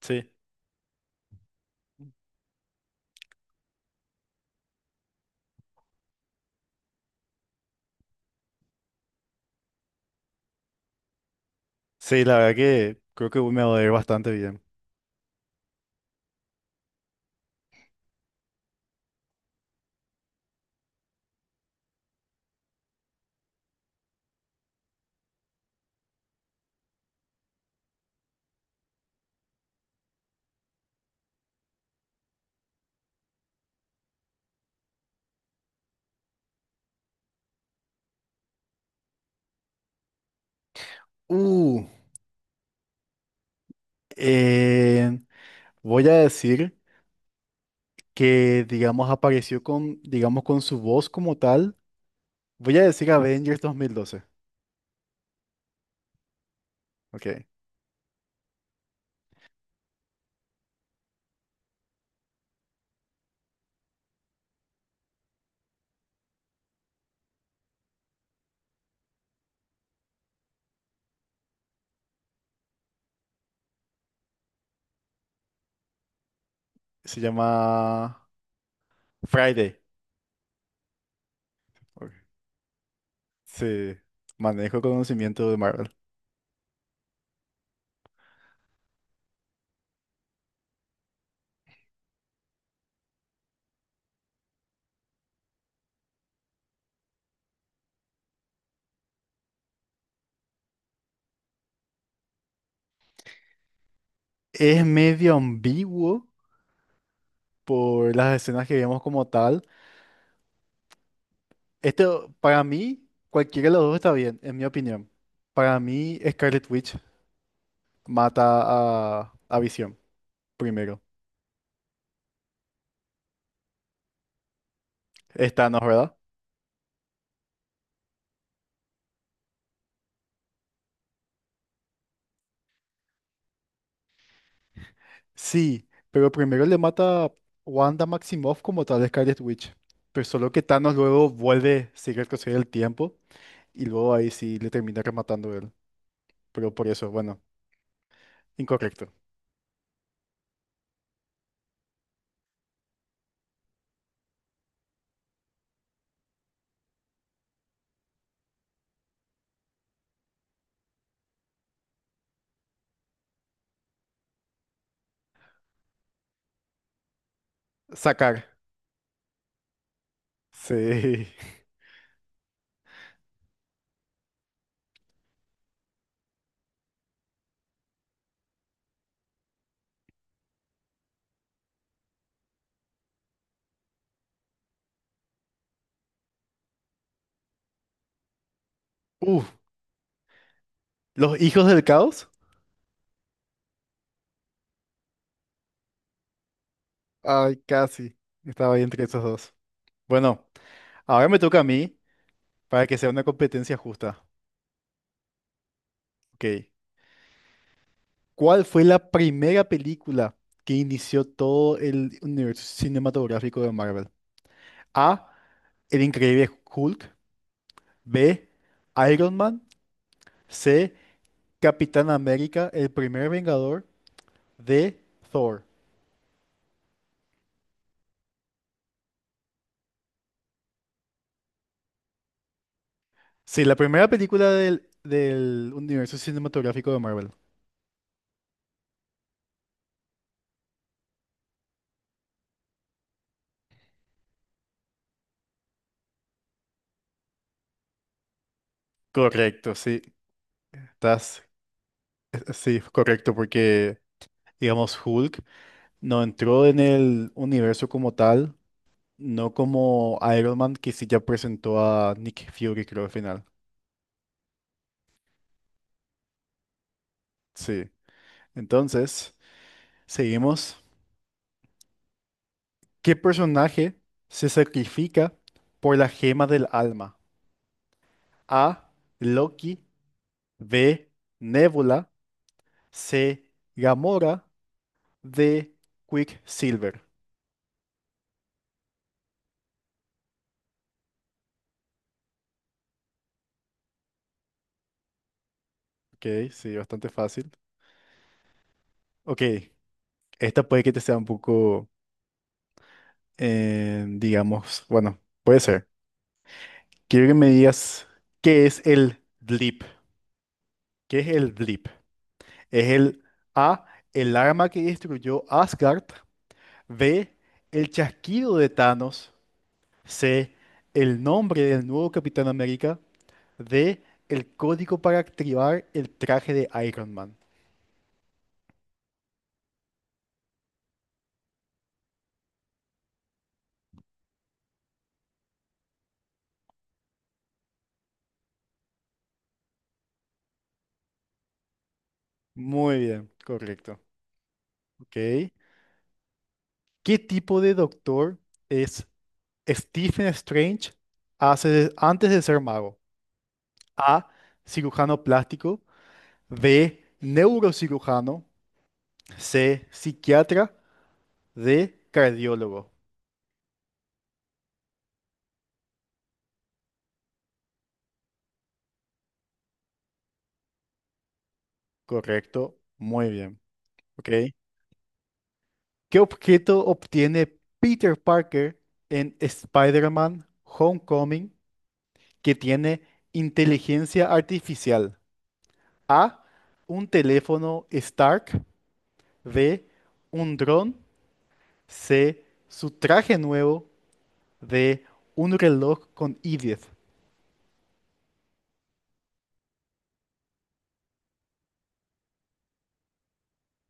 Sí, sí, la verdad que creo que me va a ir bastante bien. Uh, eh, Voy a decir que, digamos, apareció con, digamos, con su voz como tal. Voy a decir Avengers 2012. Ok. Se llama Friday. Ok. Sí, manejo el conocimiento de Marvel. Es medio ambiguo por las escenas que vemos como tal. Este, para mí, cualquiera de los dos está bien, en mi opinión. Para mí, Scarlet Witch mata a Visión primero. Es Thanos, ¿verdad? Sí, pero primero le mata a Wanda Maximoff como tal de Scarlet Witch. Pero solo que Thanos luego vuelve, sigue el retroceder el tiempo y luego ahí sí le termina rematando él. Pero por eso, bueno, incorrecto. Sacar. Sí. Uh, ¿Los hijos del caos? Ay, casi. Estaba ahí entre esos dos. Bueno, ahora me toca a mí para que sea una competencia justa. Ok. ¿Cuál fue la primera película que inició todo el universo cinematográfico de Marvel? A. El increíble Hulk. B. Iron Man. C. Capitán América, el primer Vengador. D. Thor. Sí, la primera película del universo cinematográfico de Marvel. Correcto, sí. Estás, sí, correcto, porque, digamos, Hulk no entró en el universo como tal. No como Iron Man, que sí ya presentó a Nick Fury, creo, al final. Sí. Entonces, seguimos. ¿Qué personaje se sacrifica por la gema del alma? A. Loki. B. Nebula. C. Gamora. D. Quicksilver. Ok, sí, bastante fácil. Ok, esta puede que te sea un poco, digamos, bueno, puede ser. Quiero que me digas qué es el blip. ¿Qué es el blip? Es el A, el arma que destruyó Asgard. B, el chasquido de Thanos. C, el nombre del nuevo Capitán América. D, el código para activar el traje de Iron Man. Muy bien, correcto. Ok. ¿Qué tipo de doctor es Stephen Strange antes de ser mago? A, cirujano plástico. B, neurocirujano. C, psiquiatra. D, cardiólogo. Correcto, muy bien. Ok. ¿Qué objeto obtiene Peter Parker en Spider-Man Homecoming que tiene inteligencia artificial? A. Un teléfono Stark. B. Un dron. C. Su traje nuevo. D. Un reloj con I-10.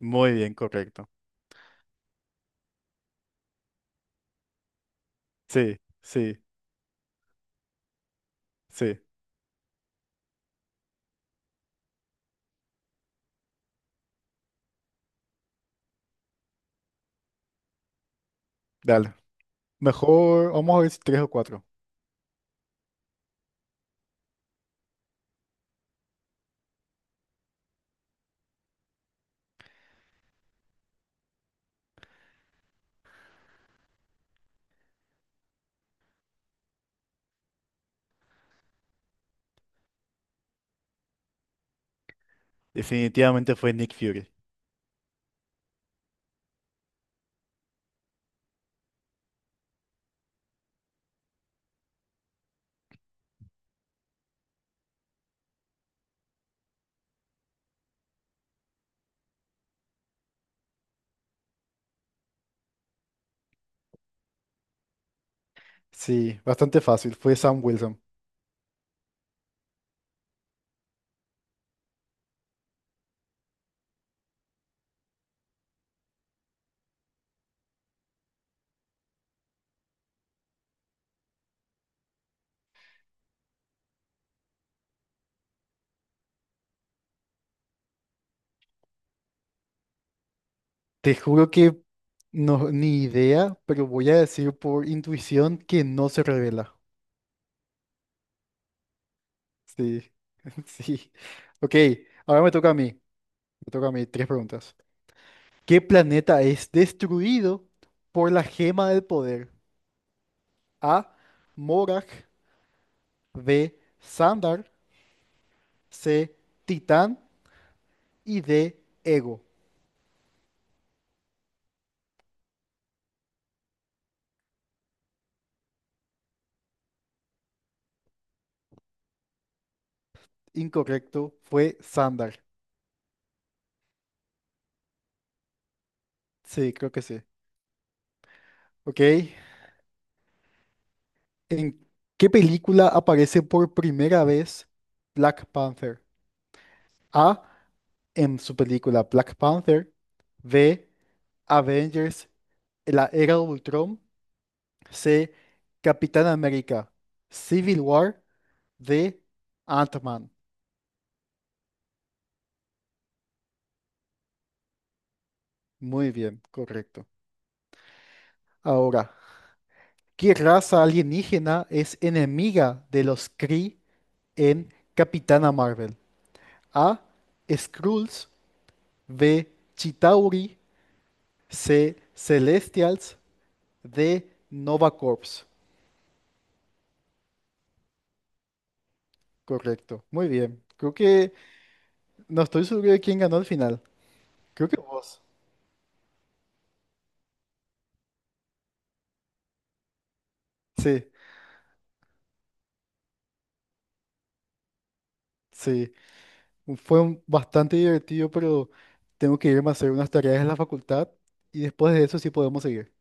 Muy bien, correcto. Sí, sí, sí. Dale. Mejor, vamos a ver si tres o cuatro. Definitivamente fue Nick Fury. Sí, bastante fácil. Fue Sam Wilson. Te juro que no, ni idea, pero voy a decir por intuición que no se revela. Sí, sí. Ok, ahora me toca a mí. Me toca a mí tres preguntas. ¿Qué planeta es destruido por la gema del poder? A. Morag. B. Sandar. C. Titán. Y D. Ego. Incorrecto, fue Sandar. Sí, creo que sí. Ok, ¿en qué película aparece por primera vez Black Panther? A. En su película Black Panther. B. Avengers, la era de Ultron. C. Capitán América, Civil War. D. Ant-Man. Muy bien, correcto. Ahora, ¿qué raza alienígena es enemiga de los Kree en Capitana Marvel? A. Skrulls. B. Chitauri. C. Celestials. De NovaCorps. Correcto. Muy bien. Creo que no estoy seguro de quién ganó al final. Creo que vos. Sí, sí. Bastante divertido, pero tengo que irme a hacer unas tareas en la facultad y después de eso sí podemos seguir.